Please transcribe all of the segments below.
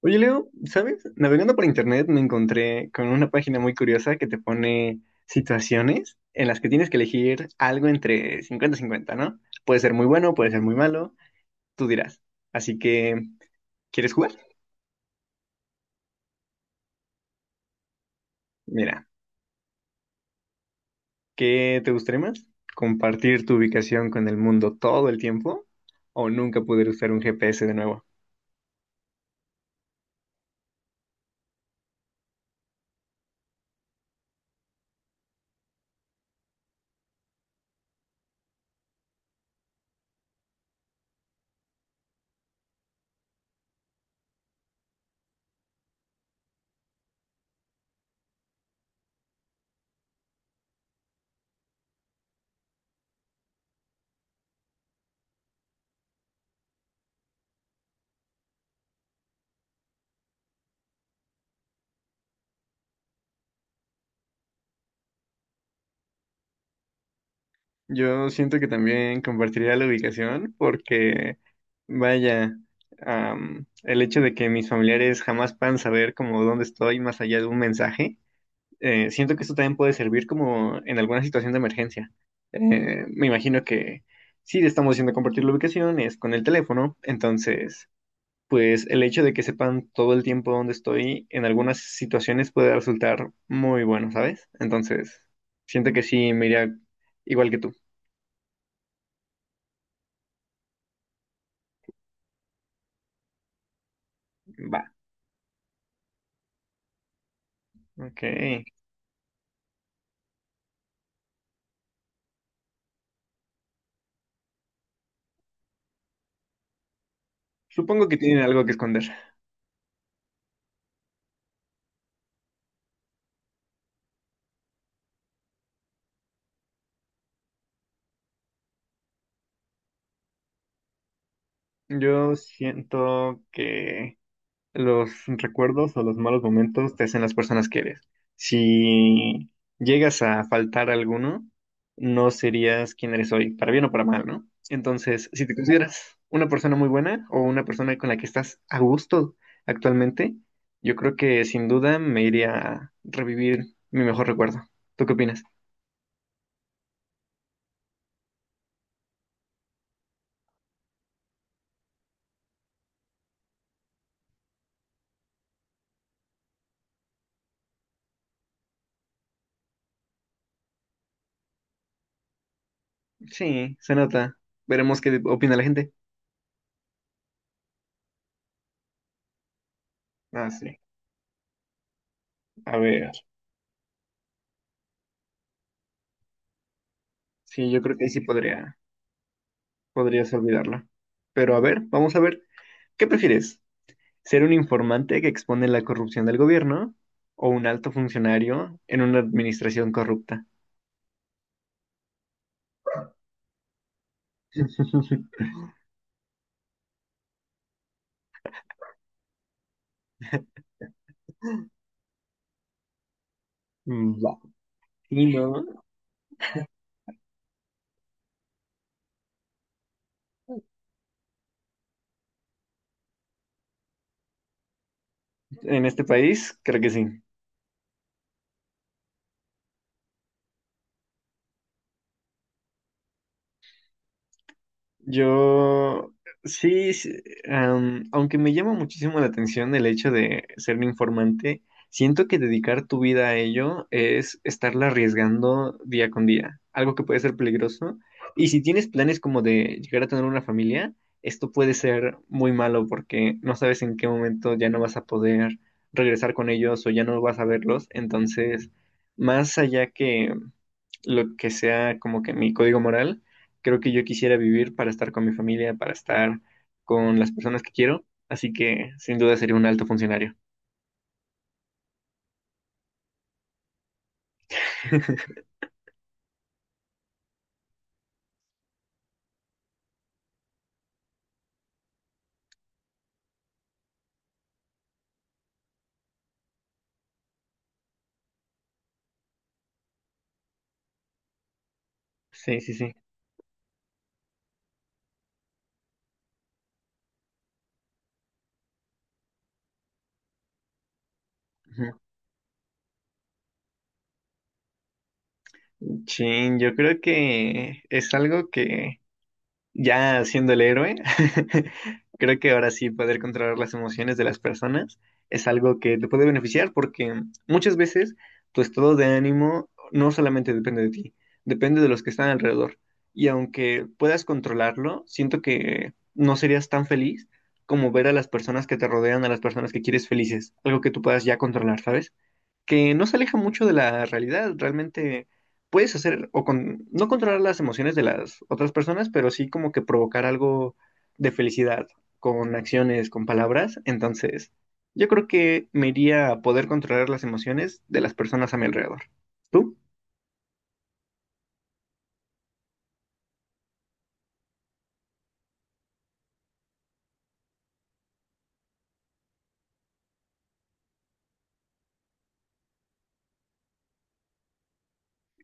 Oye, Leo, ¿sabes? Navegando por internet me encontré con una página muy curiosa que te pone situaciones en las que tienes que elegir algo entre 50 cincuenta, ¿no? Puede ser muy bueno, puede ser muy malo, tú dirás. Así que, ¿quieres jugar? Mira, ¿qué te gustaría más? ¿Compartir tu ubicación con el mundo todo el tiempo o nunca poder usar un GPS de nuevo? Yo siento que también compartiría la ubicación porque, vaya, el hecho de que mis familiares jamás puedan saber como dónde estoy más allá de un mensaje, siento que esto también puede servir como en alguna situación de emergencia. Me imagino que si estamos haciendo compartir la ubicación es con el teléfono, entonces, pues el hecho de que sepan todo el tiempo dónde estoy en algunas situaciones puede resultar muy bueno, ¿sabes? Entonces, siento que sí me iría igual que tú. Va. Ok. Supongo que tienen algo que esconder. Yo siento que los recuerdos o los malos momentos te hacen las personas que eres. Si llegas a faltar alguno, no serías quien eres hoy, para bien o para mal, ¿no? Entonces, si te consideras una persona muy buena o una persona con la que estás a gusto actualmente, yo creo que sin duda me iría a revivir mi mejor recuerdo. ¿Tú qué opinas? Sí, se nota. Veremos qué opina la gente. Ah, sí. A ver, sí, yo creo que ahí sí podría, podrías olvidarla. Pero a ver, vamos a ver, ¿qué prefieres? ¿Ser un informante que expone la corrupción del gobierno o un alto funcionario en una administración corrupta? Va. Sí, ¿no? En este país, creo que sí. Yo, sí, sí, aunque me llama muchísimo la atención el hecho de ser un informante, siento que dedicar tu vida a ello es estarla arriesgando día con día, algo que puede ser peligroso. Y si tienes planes como de llegar a tener una familia, esto puede ser muy malo porque no sabes en qué momento ya no vas a poder regresar con ellos o ya no vas a verlos. Entonces, más allá que lo que sea como que mi código moral, creo que yo quisiera vivir para estar con mi familia, para estar con las personas que quiero, así que sin duda sería un alto funcionario. Sí, sí, sí. Ujú. Chin, yo creo que es algo que ya siendo el héroe, creo que ahora sí poder controlar las emociones de las personas es algo que te puede beneficiar porque muchas veces tu estado de ánimo no solamente depende de ti, depende de los que están alrededor. Y aunque puedas controlarlo, siento que no serías tan feliz como ver a las personas que te rodean, a las personas que quieres felices, algo que tú puedas ya controlar, ¿sabes? Que no se aleja mucho de la realidad. Realmente puedes hacer o con, no controlar las emociones de las otras personas, pero sí como que provocar algo de felicidad con acciones, con palabras. Entonces, yo creo que me iría a poder controlar las emociones de las personas a mi alrededor. ¿Tú?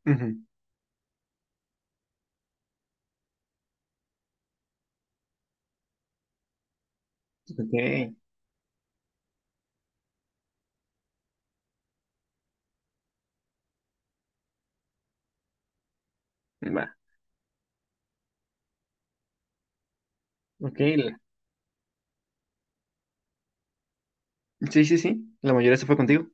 Ujú. Ok. Va. Ok. Sí, sí, sí. La mayoría se fue contigo.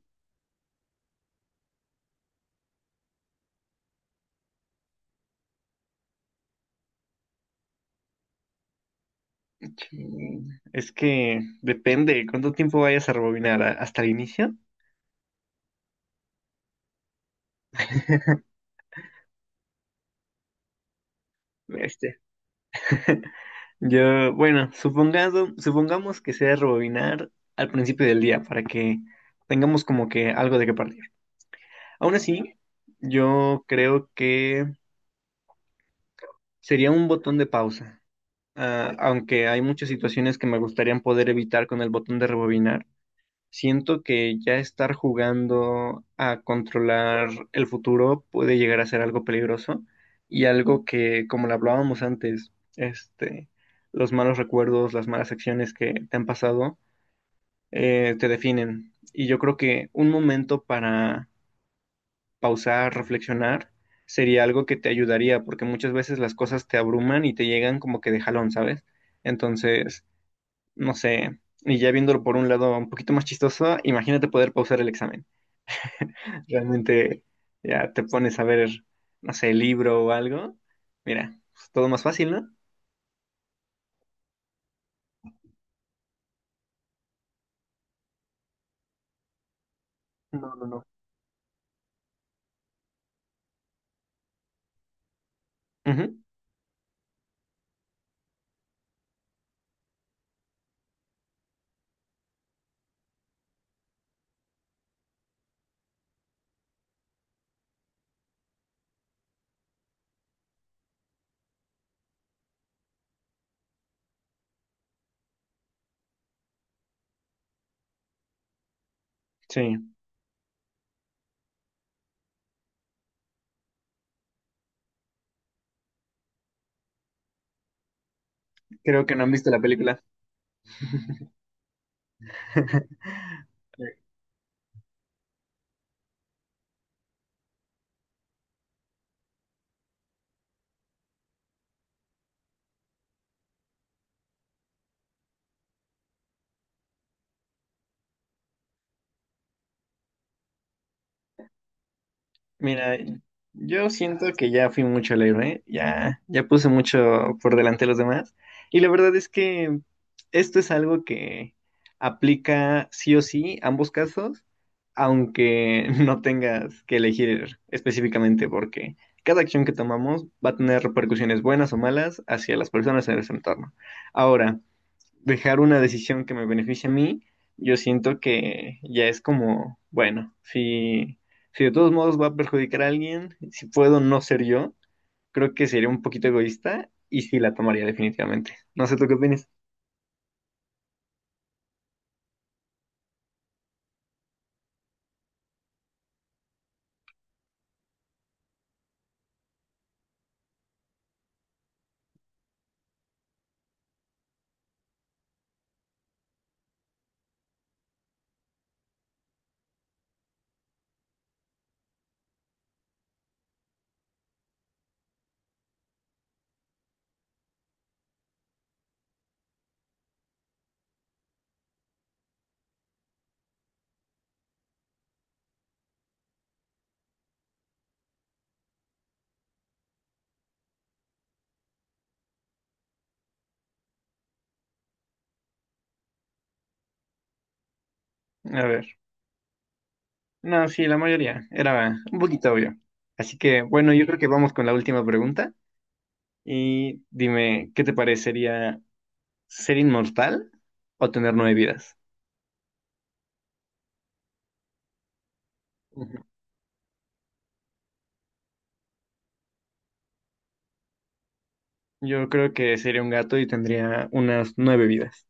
Chin. Es que depende cuánto tiempo vayas a rebobinar hasta el inicio. Este. Yo, bueno, supongamos que sea rebobinar al principio del día para que tengamos como que algo de qué partir. Aún así, yo creo que sería un botón de pausa. Ah, aunque hay muchas situaciones que me gustaría poder evitar con el botón de rebobinar, siento que ya estar jugando a controlar el futuro puede llegar a ser algo peligroso y algo que, como lo hablábamos antes, los malos recuerdos, las malas acciones que te han pasado, te definen. Y yo creo que un momento para pausar, reflexionar, sería algo que te ayudaría, porque muchas veces las cosas te abruman y te llegan como que de jalón, ¿sabes? Entonces, no sé, y ya viéndolo por un lado un poquito más chistoso, imagínate poder pausar el examen. Realmente ya te pones a ver, no sé, libro o algo, mira, es todo más fácil, ¿no? No, no, no. Ujú. Sí, creo que no han visto la película. Mira, yo siento que ya fui mucho al héroe, ya, ya puse mucho por delante de los demás. Y la verdad es que esto es algo que aplica sí o sí ambos casos, aunque no tengas que elegir específicamente, porque cada acción que tomamos va a tener repercusiones buenas o malas hacia las personas en nuestro entorno. Ahora, dejar una decisión que me beneficie a mí, yo siento que ya es como, bueno, si, de todos modos va a perjudicar a alguien, si puedo no ser yo, creo que sería un poquito egoísta y sí la tomaría definitivamente. No sé tú qué opinas. A ver. No, sí, la mayoría. Era un poquito obvio. Así que, bueno, yo creo que vamos con la última pregunta. Y dime, ¿qué te parecería ser inmortal o tener nueve vidas? Ujú. Yo creo que sería un gato y tendría unas nueve vidas.